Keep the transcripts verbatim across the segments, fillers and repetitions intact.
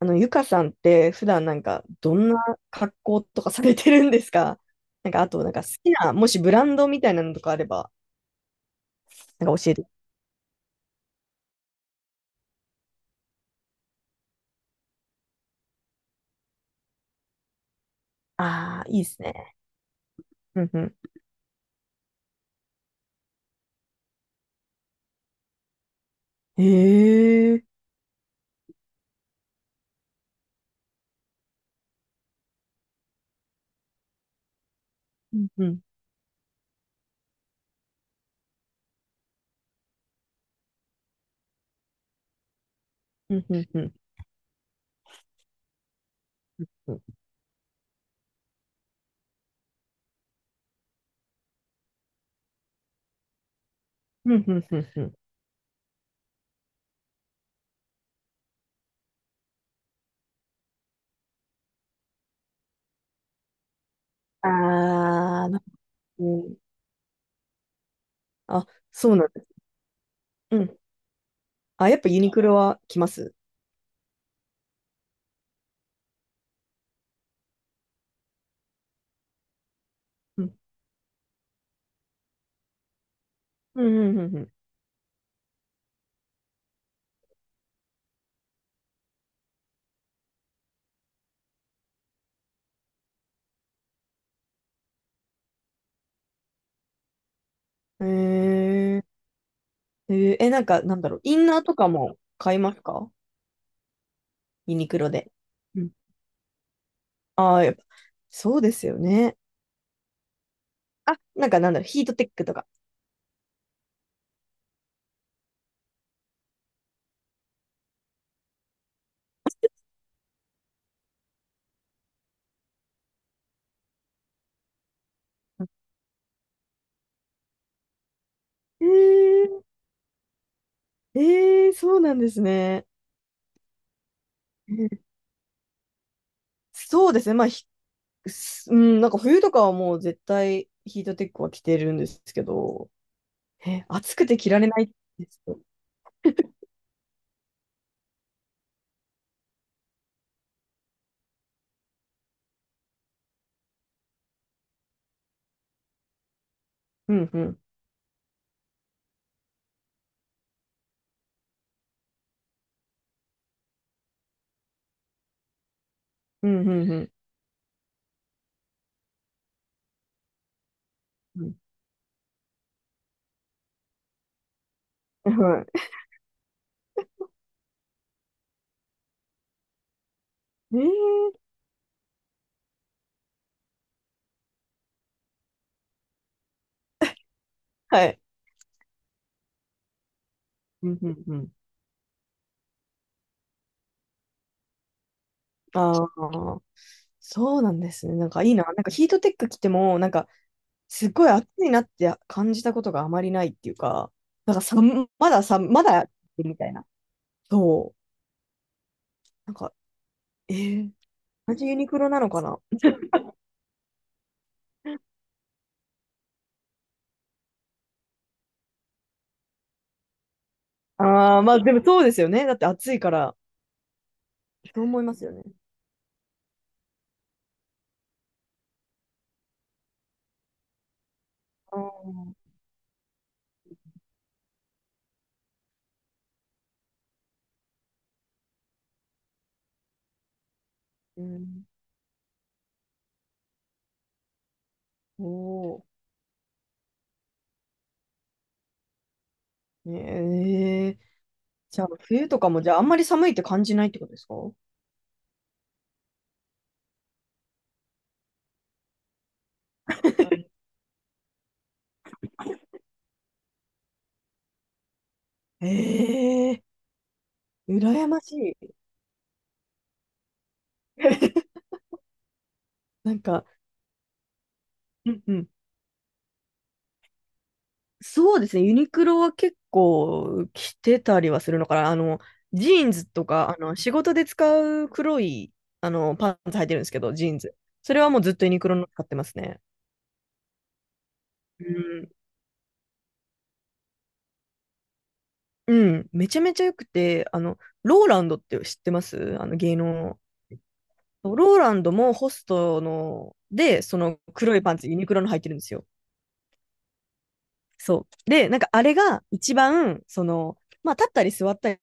あの、ゆかさんって普段なんかどんな格好とかされてるんですか？なんか、あと、なんか好きな、もしブランドみたいなのとかあれば、なんか教えて。ああ、いいですね。うんうん。へえ。うんうん。うんうんうんうん。うんうんうんうん。ああ、なうん。あ、そうなんです。うん。あ、やっぱユニクロは来ます。うん。うんうんうんうん。へえ。へええ、なんかなんだろう。インナーとかも買いますか？ユニクロで。うん。ああ、やっぱ、そうですよね。あ、なんかなんだろう、ヒートテックとか。えー、えー、そうなんですね。うん、そうですね。まあ、ひ、すうん、なんか冬とかはもう絶対ヒートテックは着てるんですけど、え、暑くて着られないですよ。うんうん。うんうんうんうん。はい。えー、はい。うんうんうん。ああ、そうなんですね。なんかいいな。なんかヒートテック着ても、なんかすっごい暑いなって感じたことがあまりないっていうか、なんかさ、まださ、まだみたいな。そう。なんか、えー、同じユニクロなのかな？ああ、まあでもそうですよね。だって暑いから。そう思いますよね。ああ、うん。おお。ねえ、じゃあ、冬とかも、じゃあ、あんまり寒いって感じないってことですか？ええー、羨ましい。なんか、うんうん。そうですね。ユニクロは結構着てたりはするのかな。あの、ジーンズとか、あの、仕事で使う黒い、あの、パンツ履いてるんですけど、ジーンズ。それはもうずっとユニクロの使ってますね。うん、うん、めちゃめちゃ良くて、あの、ローランドって知ってますあの芸能の。ローランドもホストの、で、その黒いパンツ、ユニクロの入ってるんですよ。そう。で、なんかあれが一番、その、まあ立ったり座った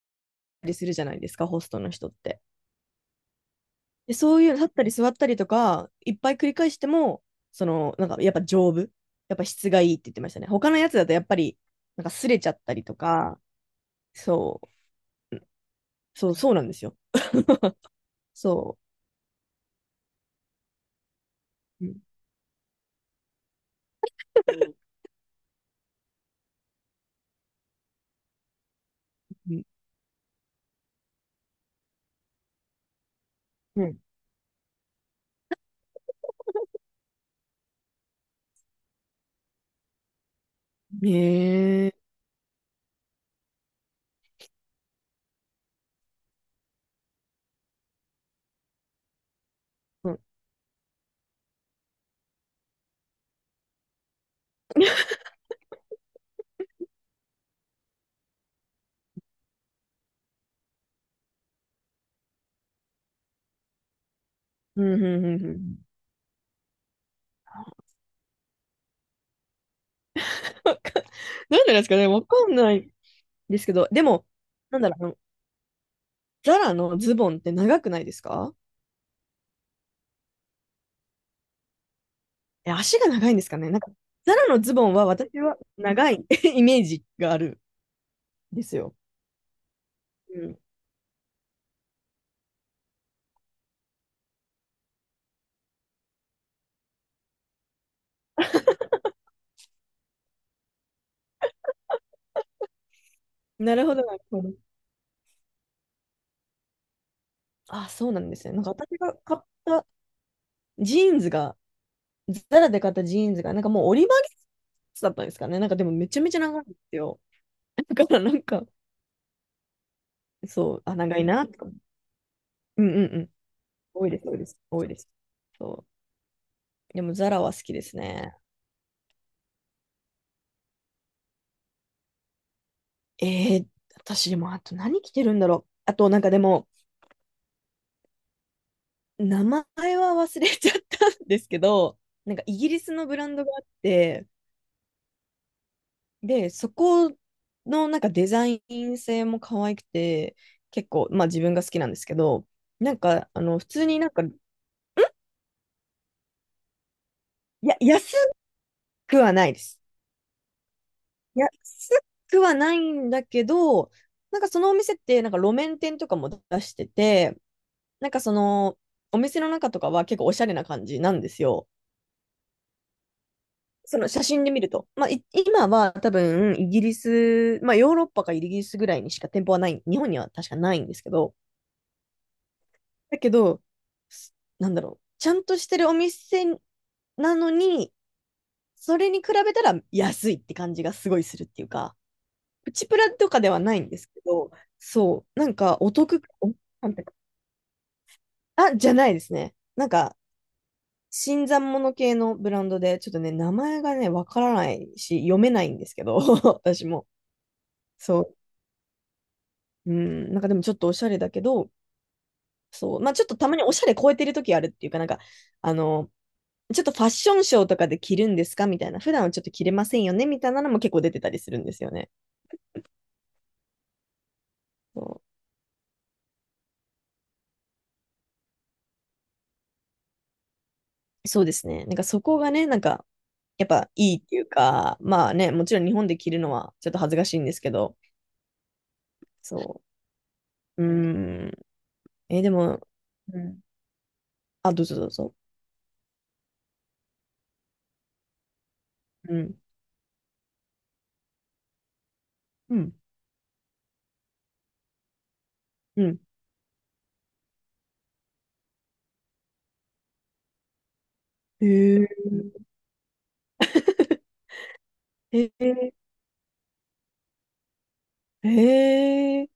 りするじゃないですか、ホストの人って。で、そういう立ったり座ったりとか、いっぱい繰り返しても、その、なんかやっぱ丈夫。やっぱ質がいいって言ってましたね。他のやつだとやっぱり、なんか擦れちゃったりとか、そう、そう、そうなんですよ。そう。うんうん、ええ、うん、うん、うん、うん。うん、わか なんでなんですかね、わかんないですけど、でも、なんだろう、あのザラのズボンって長くないですか？え、足が長いんですかね。なんか、ザラのズボンは私は長い イメージがあるんですよ。うん。なるほど、なるほど。あ、そうなんですね。なんか私が買ったジーンズが、ザラで買ったジーンズが、なんかもう折り曲げつだったんですかね。なんかでもめちゃめちゃ長いんですよ。だからなんか、そう、あ、長いなとか。うんうん、多いです、多いです、多いです。そう。でも、ザラは好きですね。えー、私、でも、あと何着てるんだろう。あと、なんかでも、名前は忘れちゃったんですけど、なんかイギリスのブランドがあって、で、そこのなんかデザイン性も可愛くて、結構、まあ自分が好きなんですけど、なんか、あの、普通になんか、や、安くはないです。安くはないんだけど、なんかそのお店って、なんか路面店とかも出してて、なんかその、お店の中とかは結構おしゃれな感じなんですよ。その写真で見ると。まあ、い今は多分、イギリス、まあ、ヨーロッパかイギリスぐらいにしか店舗はない、日本には確かないんですけど、だけど、すなんだろう、ちゃんとしてるお店なのに、それに比べたら安いって感じがすごいするっていうか、プチプラとかではないんですけど、そう、なんかお得、おなんていうか、あ、じゃないですね。なんか、新参者系のブランドで、ちょっとね、名前がね、わからないし、読めないんですけど、私も。そう。うん、なんかでもちょっとおしゃれだけど、そう。まあちょっとたまにおしゃれ超えてる時あるっていうか、なんか、あの、ちょっとファッションショーとかで着るんですかみたいな。普段はちょっと着れませんよねみたいなのも結構出てたりするんですよね。そう、そうですね。なんかそこがね、なんか、やっぱいいっていうか、まあね、もちろん日本で着るのはちょっと恥ずかしいんですけど、そう。うーん。えでも、うん、あ、どうぞどうぞ。うん。うん。うん。へえ。へえ。へえ。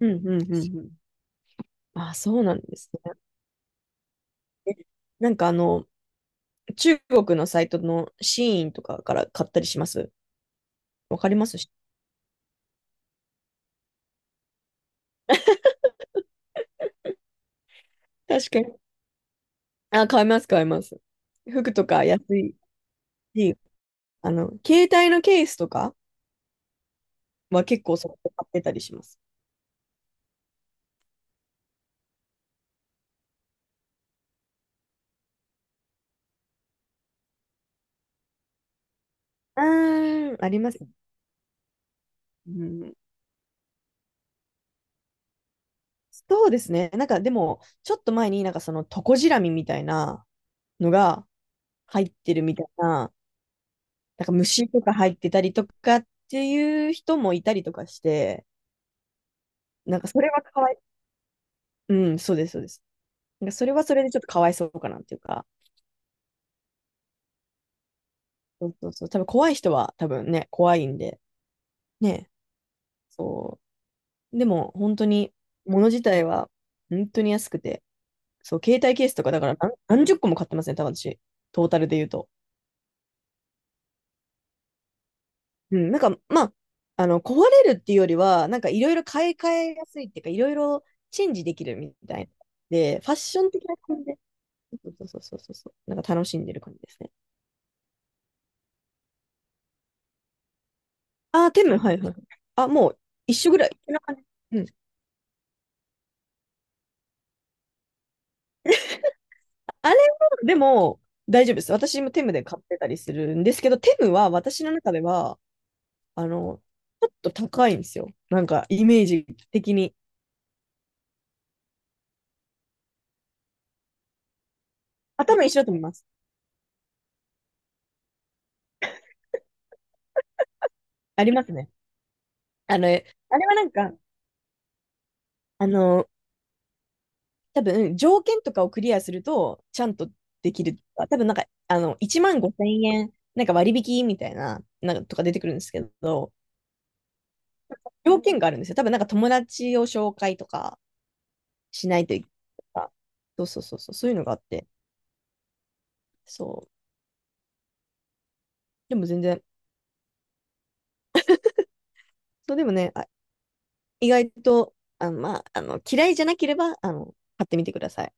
うん。うん。うん。うん。あ、そうなんですね。え、なんかあの、中国のサイトのシーンとかから買ったりしますわかります確かに。あ、買います、買います。服とか安いし、あの、携帯のケースとかは結構そこで買ってたりします。あー、あります。うん、そうですね。なんかでも、ちょっと前になんかそのトコジラミみたいな、のが入ってるみたいな、なんか虫とか入ってたりとかっていう人もいたりとかして、なんかそれはかわい、うん、そうです、そうです。なんかそれはそれでちょっとかわいそうかなっていうか、そうそうそう、多分怖い人は多分ね、怖いんで、ね、そう。でも本当に、物自体は本当に安くて、そう、携帯ケースとかだから何、何十個も買ってますね、多分私、トータルで言うと。うん、なんか、まあ、あの、壊れるっていうよりは、なんかいろいろ買い替えやすいっていうか、いろいろチェンジできるみたいな。で、ファッション的な感じで、そうそうそうそうそう、なんか楽しんでる感じですね。あ、テム、はいはい、あ、もう一緒ぐらい。こんな感じ。うん。あれは、でも、大丈夫です。私もテムで買ってたりするんですけど、テムは私の中では、あの、ちょっと高いんですよ。なんか、イメージ的に。頭一緒だと思います。ありますね。あの、あれはなんか、あの多分、条件とかをクリアすると、ちゃんとできる多分、なんか、あの、いちまんごせんえん、なんか割引みたいな、なんかとか出てくるんですけど、条件があるんですよ。多分、なんか友達を紹介とかしないといけないとか。そうそうそうそう、そういうのがあって。そう。でも全然、そうでもね、あ、意外と、あ、まあ、あの、嫌いじゃなければ、あの、買ってみてください。